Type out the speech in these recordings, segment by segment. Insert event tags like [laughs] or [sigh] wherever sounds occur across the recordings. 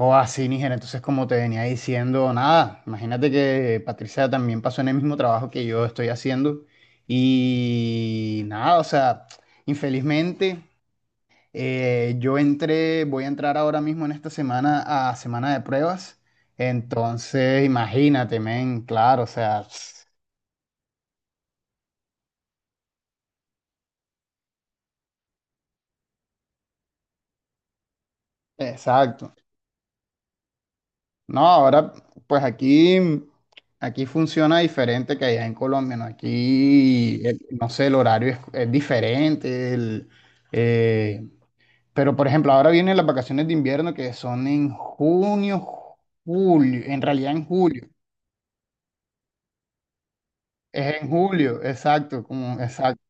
O así, Níger. Entonces, como te venía diciendo, nada, imagínate que Patricia también pasó en el mismo trabajo que yo estoy haciendo. Y nada, o sea, infelizmente, yo entré, voy a entrar ahora mismo en esta semana a semana de pruebas. Entonces, imagínate, men, claro, o sea, [sniffs] exacto, no, ahora, pues aquí funciona diferente que allá en Colombia, ¿no? Aquí, no sé, el horario es, diferente, eh, pero por ejemplo, ahora vienen las vacaciones de invierno que son en junio, julio, en realidad en julio, es en julio, exacto, como, exacto.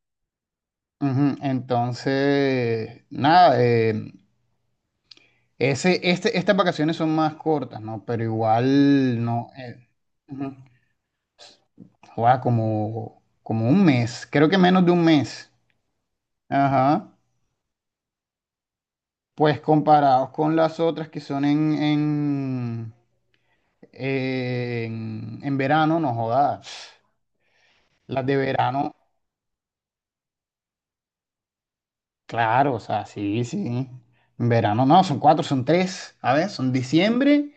Ujú, entonces, nada, estas vacaciones son más cortas, ¿no? Pero igual, no. Ujú. Guau, como un mes, creo que menos de un mes. Ajá. Pues comparados con las otras que son en verano, no jodas. Las de verano, claro, o sea, sí, sí. En verano no, son cuatro, son tres. A ver, son diciembre,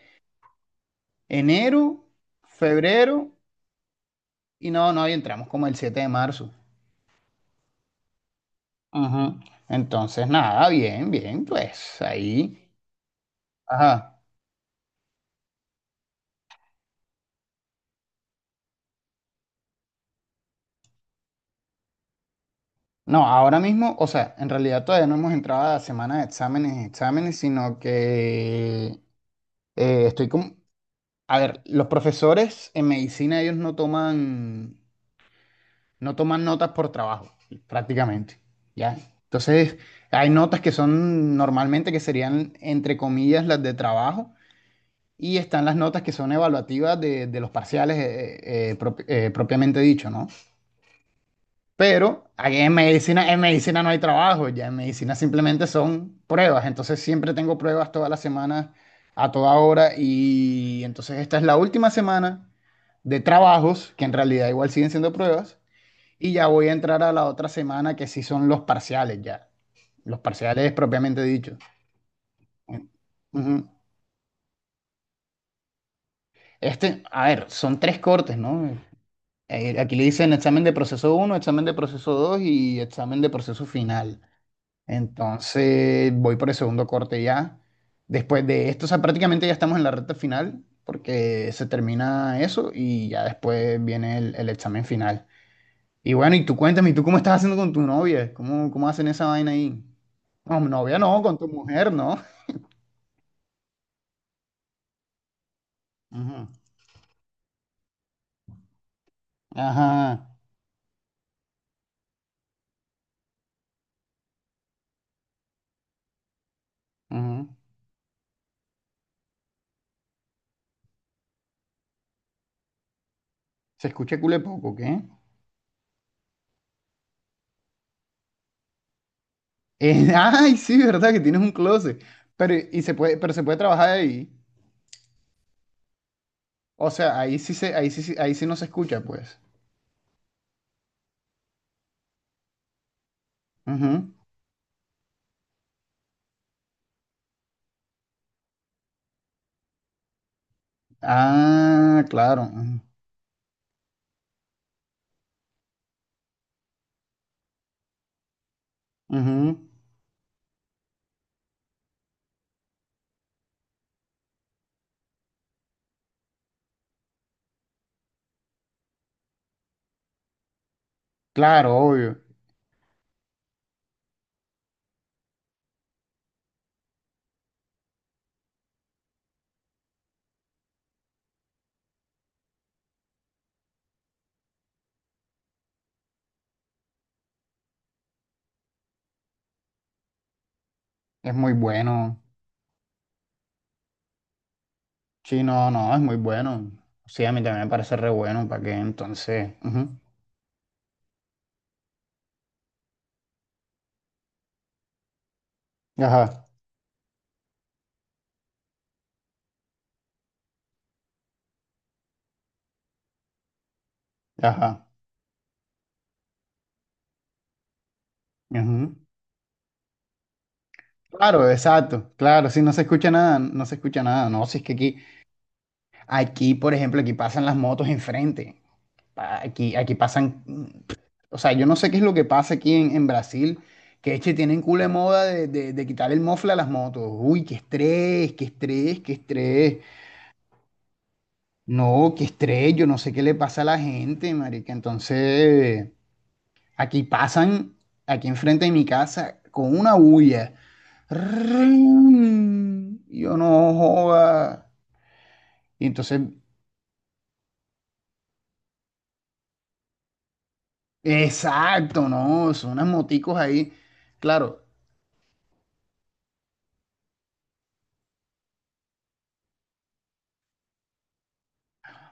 enero, febrero y no, no, y entramos como el 7 de marzo. Ajá. Entonces, nada, bien, bien, pues ahí. Ajá. No, ahora mismo, o sea, en realidad todavía no hemos entrado a la semana de exámenes, y exámenes, sino que estoy con... A ver, los profesores en medicina, ellos no toman notas por trabajo, prácticamente, ¿ya? Entonces, hay notas que son normalmente que serían, entre comillas, las de trabajo, y están las notas que son evaluativas de los parciales propiamente dicho, ¿no? Pero aquí en medicina no hay trabajo, ya en medicina simplemente son pruebas. Entonces siempre tengo pruebas todas las semanas, a toda hora. Y entonces esta es la última semana de trabajos, que en realidad igual siguen siendo pruebas. Y ya voy a entrar a la otra semana que sí son los parciales ya. Los parciales propiamente dicho. Ujú. Este, a ver, son tres cortes, ¿no? Aquí le dicen examen de proceso uno, examen de proceso 2 y examen de proceso final. Entonces voy por el segundo corte ya. Después de esto, o sea, prácticamente ya estamos en la recta final porque se termina eso y ya después viene el examen final. Y bueno, y tú cuéntame, ¿y tú cómo estás haciendo con tu novia? ¿Cómo hacen esa vaina ahí? No, novia no, con tu mujer, ¿no? Ujú. Ajá. Ujú. Se escucha cule poco, ¿qué? [laughs] Ay, sí, verdad que tienes un closet. Pero, pero se puede trabajar ahí. O sea, ahí sí se, ahí sí no se escucha, pues. Ujú. Ah, claro. Ujú, ujú, claro, obvio. Es muy bueno. Sí, no, no, es muy bueno. Sí, a mí también me parece re bueno, ¿para qué? Entonces, ujú, ajá, ajá. Ujú. Claro, exacto. Claro, sí, no se escucha nada, no se escucha nada. No, si es que aquí, por ejemplo, aquí pasan las motos enfrente. Aquí pasan, o sea, yo no sé qué es lo que pasa aquí en Brasil, que es que tienen culo de moda de, de quitar el mofle a las motos. Uy, qué estrés, qué estrés, qué estrés. No, qué estrés, yo no sé qué le pasa a la gente, marica. Entonces, aquí pasan, aquí enfrente de mi casa, con una bulla. ¡Rin! Yo no joda. Y entonces, exacto, no, son unas moticos ahí. Claro,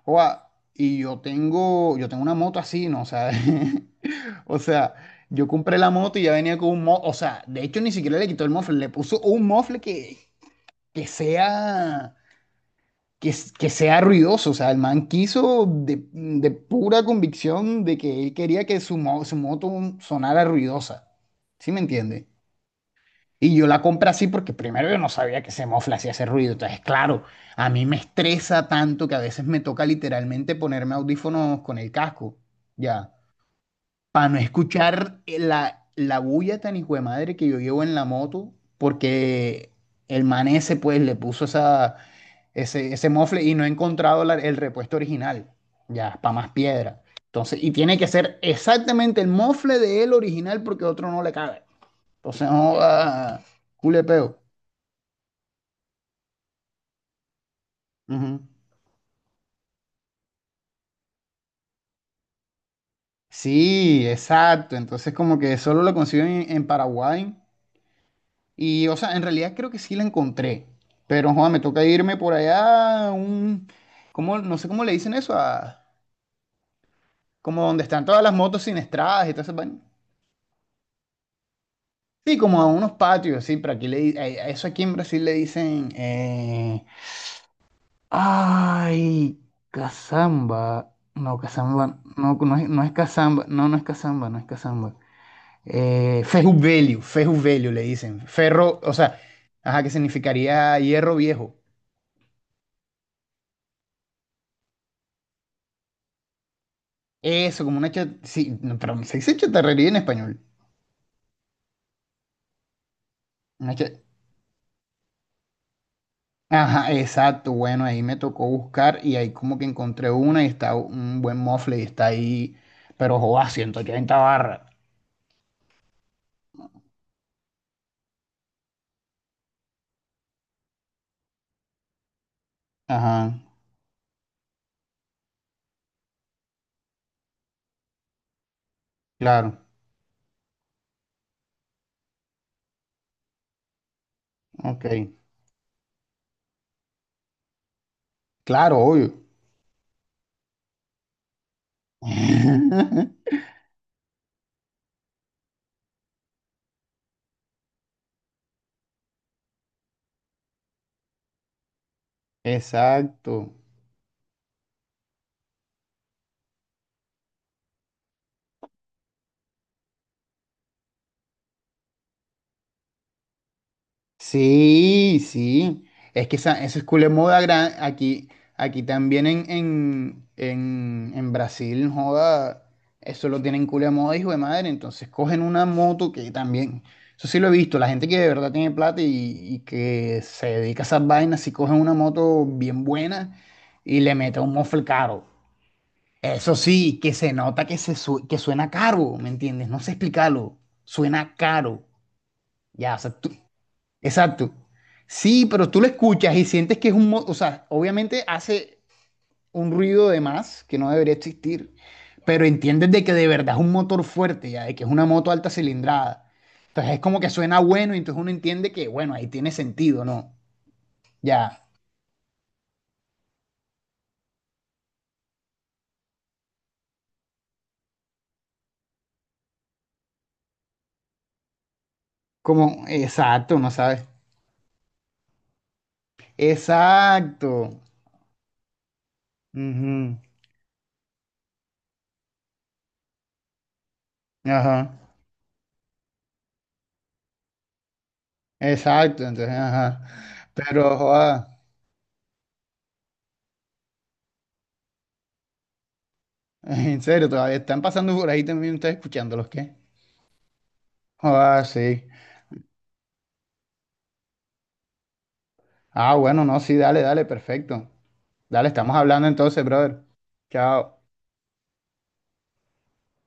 joda, y yo tengo una moto así, ¿no? O sea, [laughs] o sea, yo compré la moto y ya venía con un mofle. O sea, de hecho, ni siquiera le quitó el mofle, le puso un mofle que sea. Que sea ruidoso. O sea, el man quiso de pura convicción de que él quería que su moto sonara ruidosa. ¿Sí me entiende? Y yo la compré así porque primero yo no sabía que ese mofle hacía ese ruido. Entonces, claro, a mí me estresa tanto que a veces me toca literalmente ponerme audífonos con el casco. Ya para no escuchar la, la bulla tan hijo de madre que yo llevo en la moto, porque el man ese pues le puso ese mofle y no he encontrado el repuesto original, ya, para más piedra. Entonces, y tiene que ser exactamente el mofle de él original porque otro no le cabe. Entonces, no, ah, culepeo. Ujú. Sí, exacto. Entonces, como que solo lo consiguen en Paraguay. Y, o sea, en realidad creo que sí la encontré. Pero, joder, me toca irme por allá a un... ¿Cómo? No sé cómo le dicen eso a... Como donde están todas las motos sin estradas y todo ese vaina. Sí, como a unos patios, sí, pero aquí a eso aquí en Brasil le dicen... ay, Cazamba. No, Cazamba. No, no es Cazamba. No, no es Cazamba, no es Cazamba. Ferro Velho, Ferro Velho le dicen. Ferro, o sea, ajá, que significaría hierro viejo. Eso, como una chat. Sí, no, pero se dice chatarrería en español. Una cha- Ajá, exacto. Bueno, ahí me tocó buscar y ahí como que encontré una y está un buen mofle y está ahí, pero joda, 180 barras. Ajá, claro, ok. Claro, obvio. [laughs] Exacto. Sí, sí. Es que esa escuela de moda gran, aquí, aquí también en, Brasil, joda, eso lo tienen culo de moda, hijo de madre. Entonces cogen una moto que también, eso sí lo he visto, la gente que de verdad tiene plata y que se dedica a esas vainas, si cogen una moto bien buena y le mete un mofle caro. Eso sí, que se nota que suena caro, ¿me entiendes? No sé explicarlo, suena caro. Ya, o sea, exacto. Sí, pero tú lo escuchas y sientes que es o sea, obviamente hace un ruido de más que no debería existir, pero entiendes de que de verdad es un motor fuerte, ya, de que es una moto alta cilindrada. Entonces es como que suena bueno y entonces uno entiende que, bueno, ahí tiene sentido, ¿no? Ya, como, exacto, ¿no sabes? Exacto. Ujú. Ajá. Exacto, entonces, ajá. Pero, joda, [laughs] en serio, todavía están pasando por ahí también, ustedes escuchándolos, ¿qué? Ah, sí. Ah, bueno, no, sí, dale, dale, perfecto. Dale, estamos hablando entonces, brother. Chao.